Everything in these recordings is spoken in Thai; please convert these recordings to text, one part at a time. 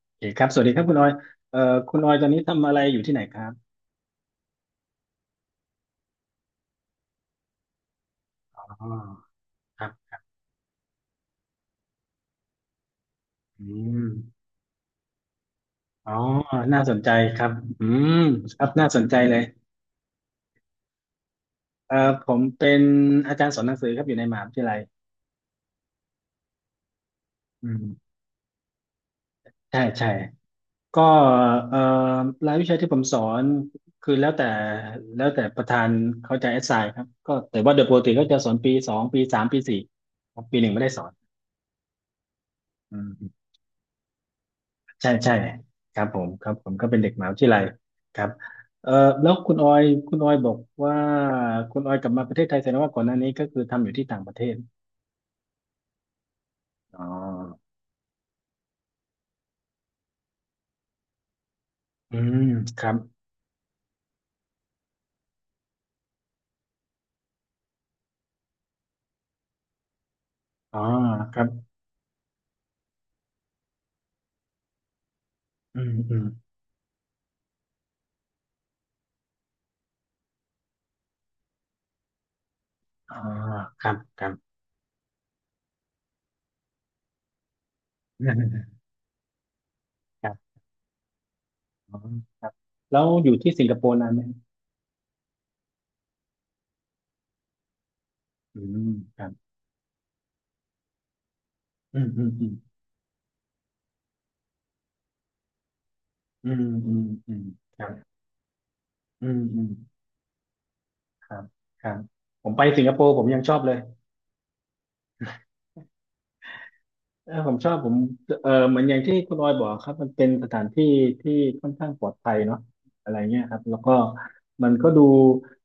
โอเคครับสวัสดีครับคุณออยเอ่อคุณออยตอนนี้ทำอะไรอยู่ที่ไหนครับ อ๋อครับอืมอ๋อน่าสนใจครับอืมครับน่าสนใจเลยผมเป็นอาจารย์สอนหนังสือครับอยู่ในมหาวิทยาลัยอืมใช่ ใช่ ก็เอ่อรายวิชาที่ผมสอน คือแล้วแต่ประธานเขาจะอสไซครับก็แต่ว่าโดยปกติก็จะสอนปีสองปีสามปีสี่ครับปีหนึ่งไม่ได้สอนอืม ใช่ใช่ครับผมก็เป็นเด็กมหาวิทยาลัยครับเอ่อแล้วคุณออยบอกว่าคุณออยกลับมาประเทศไทยแสดงว่าก่อนหน้านี้ก็คือทำอยู่ที่ต่างประเทศอ๋ออืมครับอ๋อครับอืมอืมอ๋อครับครับ ครับอ๋อครับแล้วอยู่ที่สิงคโปร์นานไหมอืมครับอืมอืมอืมอืมอืมอืมครับอืมอืมครับครับผมไปสิงคโปร์ผมยังชอบเลย เออผมชอบผมเหมือนอย่างที่คุณออยบอกครับมันเป็นสถานที่ที่ค่อนข้างปลอดภัยเนาะอะไรเงี้ยครับแล้วก็มันก็ดู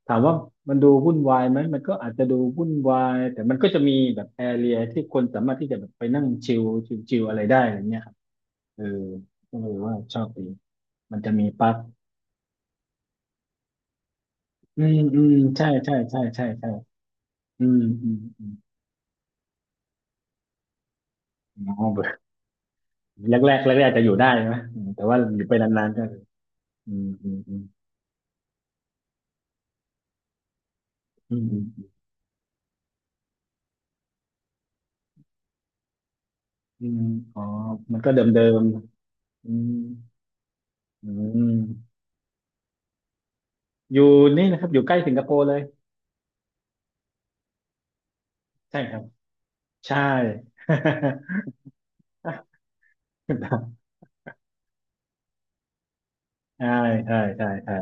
ถามว่ามันดูวุ่นวายไหมมันก็อาจจะดูวุ่นวายแต่มันก็จะมีแบบแอเรียที่คนสามารถที่จะแบบไปนั่งชิลชิลๆอะไรได้อะไรเงี้ยครับเออก็เลยว่าชอบดีมันจะมีปั๊บอืมอืมใช่ใช่ใช่ใช่ใช่อืมอืมอืมอ๋อแรกแรกๆอาจจะอยู่ได้นะแต่ว่าอยู่ไปนานๆก็อืมอืมอืมอืม อืมอ๋อ มันก็เดิมๆอืมอืมอยู่นี่นะครับ อยู่ใกล้สิงคโปร์เลย ใช่ครับใช่ ใช่ใช่ใช่ใช่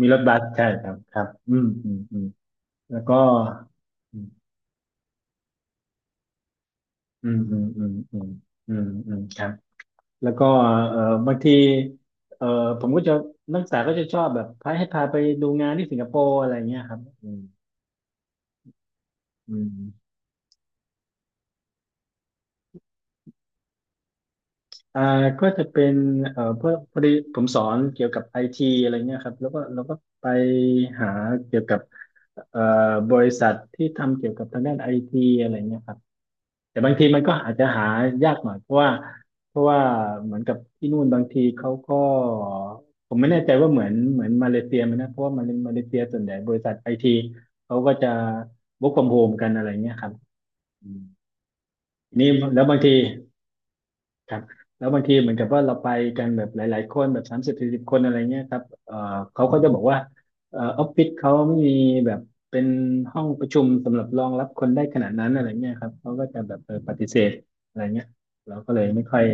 มีรถบัส ใช่ครับครับอืมอืมอืมแล้วก็อืมอืมอืมอืมอืมอืมอืมครับแล้วก็เอ่อบางทีเอ่อผมก็จะ นักศึกษาก็จะชอบแบบ พาให้พาไปดูงานที่สิงคโปร์อะไรเงี้ยครับอืมอืม อ่าก็จะเป็นพอพอดีผมสอนเกี่ยวกับไอทีอะไรเงี้ยครับแล้วก็เราก็ไปหาเกี่ยวกับเอ่อบริษัทที่ทำเกี่ยวกับทางด้านไอทีอะไรเงี้ยครับแต่บางทีมันก็อาจจะหายากหน่อยเพราะว่าเพราะว่าเหมือนกับที่นู่นบางทีเขาก็ผมไม่แน่ใจว่าเหมือนมาเลเซียไหมนะเพราะว่ามาเลเซียส่วนใหญ่บริษัทไอทีเขาก็จะ work from home กันอะไรเงี้ยครับอืมทีนี้แล้วบางที ครับแล้วบางทีเหมือนกับว่าเราไปกันแบบหลายๆคนแบบสามสิบสี่สิบคนอะไรเงี้ยครับเขาก็จะบอกว่าออฟฟิศเขาไม่มีแบบเป็นห้องประชุมสำหรับรองรับคนได้ขนาดนั้นอะไรเงี้ยครับเขาก็จะแบบปฏิเสธอะไรเงี้ยเราก็เลยไม่ค่อย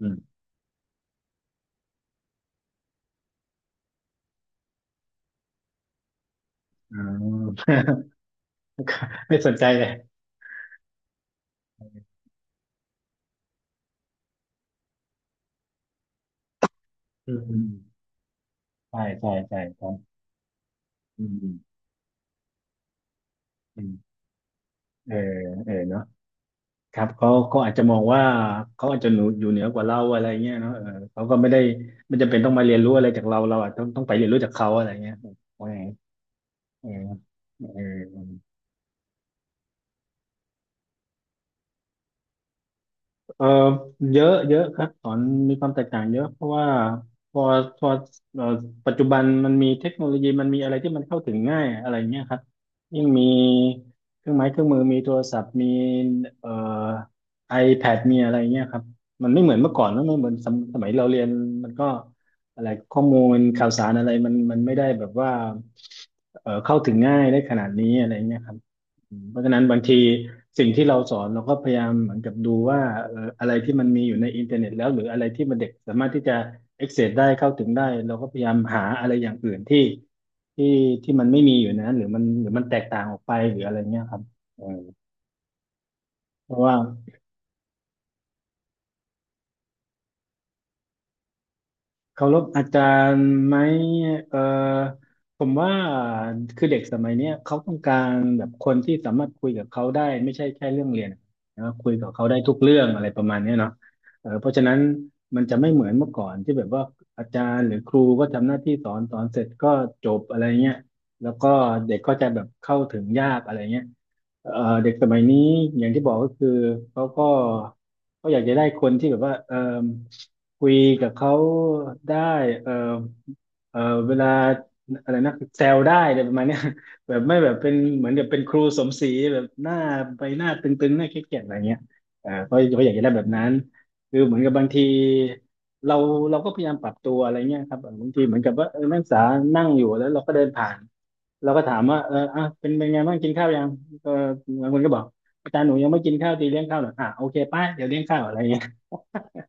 อืมอืม ไม่สนใจเลยอืมอืมใช่ใช่ใช่ครับอืมอืมอืมเออเออเนาะ ครับเขาอาจจะมองว่าเขาอาจจะหนูอยู่เหนือกว่าเราอะไรเงี้ยเนาะเขาก็ไม่ได้ไม่จำเป็นต้องมาเรียนรู้อะไรจากเราเราอะต้องไปเรียนรู้จากเขาอะไรเงี้ยว่าไงเออเออ เอ่อเยอะเยอะครับสอนมีความแตกต่างเยอะเพราะว่าพอพอเอ่อปัจจุบันมันมีเทคโนโลยีมันมีอะไรที่มันเข้าถึงง่ายอะไรเงี้ยครับยิ่งมีเครื่องไม้เครื่องมือมีโทรศัพท์มีเอ่อ iPad มีอะไรเงี้ยครับมันไม่เหมือนเมื่อก่อนนะไม่เหมือนสมสมัยเราเรียนมันก็อะไรข้อมูลข่าวสารอะไรมันไม่ได้แบบว่าเข้าถึงง่ายได้ขนาดนี้อะไรเงี้ยครับ เพราะฉะนั้นบางทีสิ่งที่เราสอนเราก็พยายามเหมือนกับดูว่าอะไรที่มันมีอยู่ในอินเทอร์เน็ตแล้วหรืออะไรที่มันเด็กสามารถที่จะ access ได้เข้าถึงได้เราก็พยายามหาอะไรอย่างอื่นที่ที่ที่มันไม่มีอยู่ในนั้นหรือมันแตกต่างออกไปหรืออะไรเงี้ยครับเออเพราะว่า เคารพอาจารย์ไหมเอ่อผมว่าคือเด็กสมัยเนี้ยเขาต้องการแบบคนที่สามารถคุยกับเขาได้ไม่ใช่แค่เรื่องเรียนนะคุยกับเขาได้ทุกเรื่องอะไรประมาณเนี้ยเนาะเพราะฉะนั้นมันจะไม่เหมือนเมื่อก่อนที่แบบว่าอาจารย์หรือครูก็ทำหน้าที่สอนสอนเสร็จก็จบอะไรเงี้ยแล้วก็เด็กก็จะแบบเข้าถึงยากอะไรเงี้ย เอ่อเด็กสมัยนี้อย่างที่บอกก็คือเขาก็เขาอยากจะได้คนที่แบบว่าคุยกับเขาได้เอ่อ เออเวลาอะไรนะแซวได้อะไรประมาณเนี้ย แบบไม่แบบเป็นเหมือนกับเป็นครูสมศรีแบบหน้าใบหน้าตึงๆหน้าเครียดๆอะไรเงี้ยเออเขาอยากจะได้แบบนั้นคือเหมือนกับบางทีเราเราก็พยายามปรับตัวอะไรเงี้ยครับบางทีเหมือนกับว่าเออนักศึกษานั่งอยู่แล้วเราก็เดินผ่านเราก็ถามว่าเอออ่ะเป็นไงบ้างกินข้าวยังก็บางคนก็บอกอาจารย์หนูยังไม่กินข้าวตีเลี้ยงข้าวหน่อยอ่ะโอเคไป้าเดี๋ยวเลี้ยงข้าวอะไรเงี้ย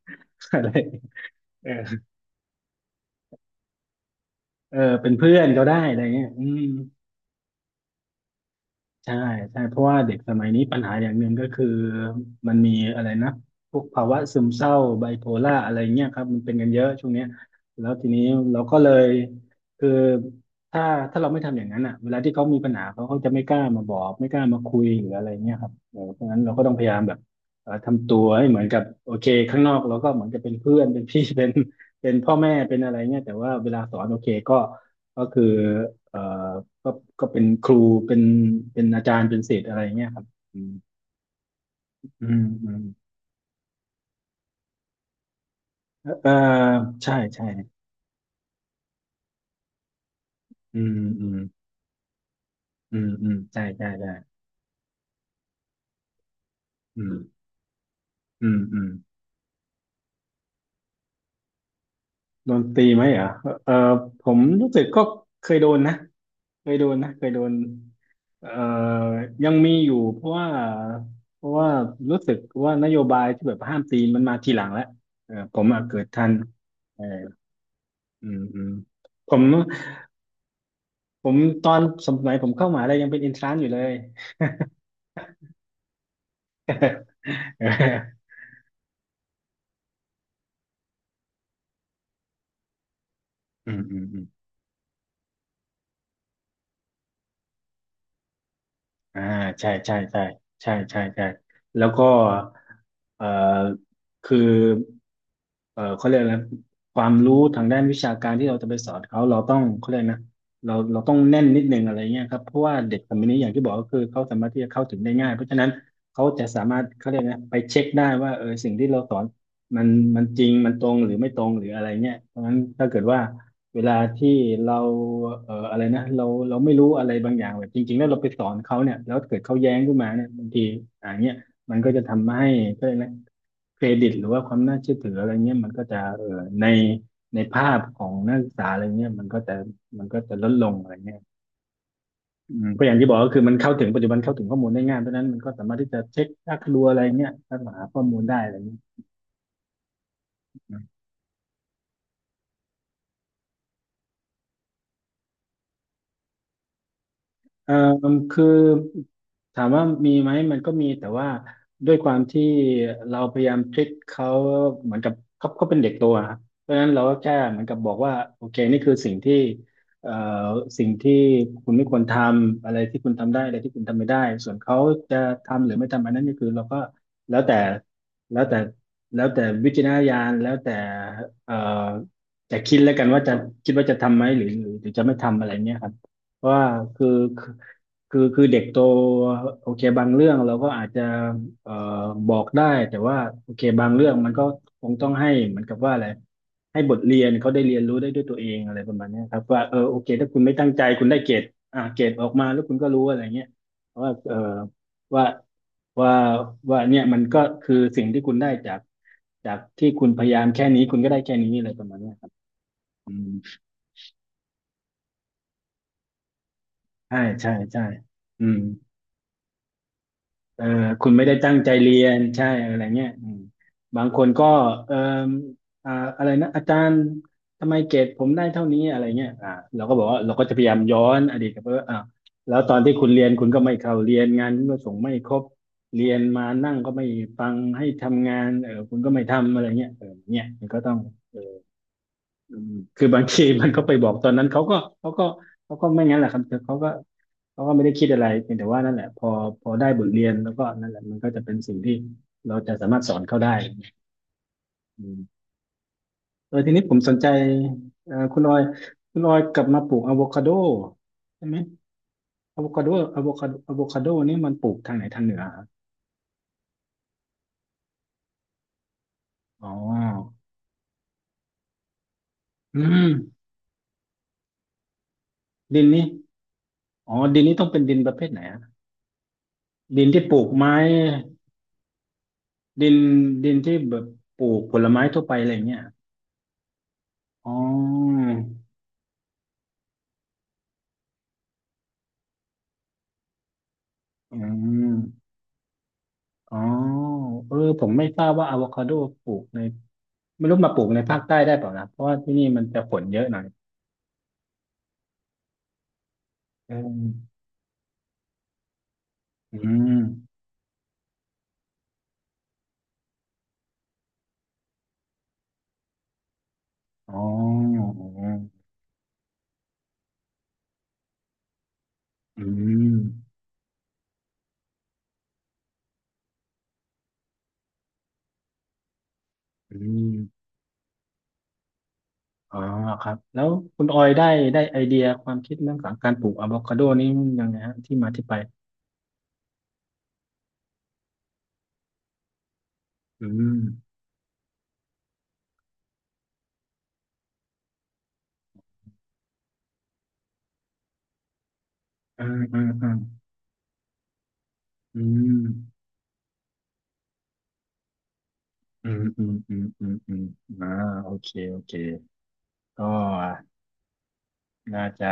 อะไรเออเออเป็นเพื่อนก็ได้อะไรเงี้ยอืม ใช่ใช่เพราะว่าเด็กสมัยนี้ปัญหาอย่างหนึ่งก็คือมันมีอะไรนะพวกภาวะซึมเศร้าไบโพล่าอะไรเงี้ยครับมันเป็นกันเยอะช่วงเนี้ยแล้วทีนี้เราก็เลยคือถ้าถ้าเราไม่ทำอย่างนั้นอ่ะเวลาที่เขามีปัญหาเขาจะไม่กล้ามาบอกไม่กล้ามาคุยหรืออะไรเงี้ยครับเออเพราะงั้นเราก็ต้องพยายามแบบทำตัวให้เหมือนกับโอเคข้างนอกเราก็เหมือนจะเป็นเพื่อนเป็นพี่ เป็นพ่อแม่เป็นอะไรเงี้ยแต่ว่าเวลาสอนโอเคก็ ก็คือเอ่อก็ก็เป็นครูเป็นเป็นอาจารย์ เป็นศิษย์อะไรเงี้ยครับอืมอืมอืมเอ่อใช่ใช่อืมอืมอืมอืมใช่ใช่ใช่อืมอืมอืมโดนตีไหมเหรอเอ่อผมรู้สึกก็เคยโดนนะ เคยโดนเคยโดนเอ่อยังมีอยู่เพราะว่าเพราะว่ารู้สึกว่านโยบายที่แบบห้ามตีมันมาทีหลังแล้วเออผมอะเกิดทันเอออืมอืมผม ผมตอนสมัยผมเข้ามหาลัยยังเป็นเอินทรานซ์อยู่เลย เอออืมอืมอืมอ่าใช่ใช่แล้วก็เอ่อคือ เอ่อเขาเรียกอะไรนะความรู้ทางด้านวิชาการที่เราจะไปสอนเขาเราต้องเขาเรียกนะเราต้องแน่นนิดนึงอะไรเงี้ยครับเพราะว่าเด็กสมัยนี้อย่างที่บอกก็คือเขาสามารถที่จะเข้าถึงได้ง่ายเพราะฉะนั้นเขาจะสามารถเขาเรียกนะไปเช็คได้ว่าเออสิ่งที่เราสอนมันมันจริงมันตรงหรือไม่ตรงหรืออะไรเงี้ยเพราะฉะนั้นถ้าเกิดว่าเวลาที่เราอะไรนะเราไม่รู้อะไรบางอย่างแบบจริงๆแล้วเราไปสอนเขาเนี่ยแล้วเกิดเขาแย้งขึ้นมาเนี่ยบางทีอ่าเงี้ย มันก็จะทำให้ก็เลยกนะเครดิตหรือว่าความน่าเชื่อถืออะไรเงี้ยมันก็จะเออในภาพของนักศึกษาอะไรเงี้ยมันก็จะลดลงอะไรเงี้ยอืมก็อย่างที่บอกก็คือมันเข้าถึงปัจจุบันเข้าถึงข้อมูลได้ง่ายเพราะฉะนั้นมันก็สามารถที่จะเช็ครักรัวอะไรเงี้ยแล้วหาข้อมูลได้อะไรเงี้ย เอ่อคือถามว่ามีไหมมันก็มีแต่ว่าด้วยความที่เราพยายามทริคเขาเหมือนกับเขาเป็นเด็กโตอะครับเพราะฉะนั้นเราก็แค่เหมือนกับบอกว่าโอเคนี่คือสิ่งที่เอ่อสิ่งที่คุณไม่ควรทำอะไรที่คุณทำได้อะไรที่คุณทำไม่ได้ส่วนเขาจะทำหรือไม่ทำอันนั้นก็คือเราก็แล้วแต่แล้วแต่แล้วแต่วิจารณญาณแล้วแต่เอ่อแต่คิดแล้วกันว่าจะคิดว่าจะทำไหมหรือจะไม่ทำอะไรเนี้ยครับ ว่าคือคือคือคือเด็กโตโอเคบางเรื่องเราก็อาจจะเอ่อบอกได้แต่ว่าโอเคบางเรื่องมันก็คงต้องให้เหมือนกับว่าอะไรให้บทเรียนเขาได้เรียนรู้ได้ด้วยตัวเองอะไรประมาณเนี้ยครับว่าเออโอเคถ้าคุณไม่ตั้งใจคุณได้เกรดอ่าเกรดออกมาแล้วคุณก็รู้อะไรเงี้ยว่าเออว่าว่าว่าเนี่ยมันก็คือสิ่งที่คุณได้จากที่คุณพยายามแค่นี้คุณก็ได้แค่นี้อะไรประมาณเนี้ยครับอืมใช่อืม เออคุณไม่ได้ตั้งใจเรียนใช่อะไรเงี้ยอืมบางคนก็เอออ่าอะไรนะอาจารย์ทำไมเกรดผมได้เท่านี้อะไรเงี้ยอ่าเราก็บอกว่าเราก็จะพยายามย้อนอดีตกลับไปว่าอ้าวแล้วตอนที่คุณเรียนคุณก็ไม่เข้าเรียนงานคุณก็ส่งไม่ครบเรียนมานั่งก็ไม่ฟังให้ทำงานเออคุณก็ไม่ทำอะไรเงี้ยเออเนี่ยมันก็ต้อง อืมคือบางทีมันก็ไปบอกตอนนั้นเขาก็ไม่งั้นแหละครับ เขาก็ไม่ได้คิดอะไรเพียงแต่ว่านั่นแหละพอได้บทเรียนแล้วก็นั่นแหละมันก็จะเป็นสิ่งที่เราจะสามารถสอนเขาได้อืมเออทีนี้ผมสนใจคุณออยคุณออยกลับมาปลูกอะโวคาโดใช่ไหมอะโวคาโดอะโวคาโดนี่มันปลูกทางไหนทางเหนือครับอ๋ออืมดินนี่อ๋อดินนี่ต้องเป็นดินประเภทไหนอะดินที่ปลูกไม้ ดินดินที่แบบปลูกผลไม้ทั่วไปอะไรเงี้ยอ๋ออืมอ๋อเออผมไม่ทราบว่าอะโวคาโดปลูกในไม่รู้มาปลูกในภาคใต้ได้เปล่านะเพราะว่าที่นี่มันจะฝนเยอะหน่อยเอออืมอ๋ออืมอืมอ๋อครับแล้วคุณออยได้ไอเดียความคิดเรื่องของการปลูกอะโวคาโดนี่ยังไงฮะที่มาที่ไปอืมอืมอืมอืม อืมอืมอืมอืมอืมอ่าโอเคก็น่าจะ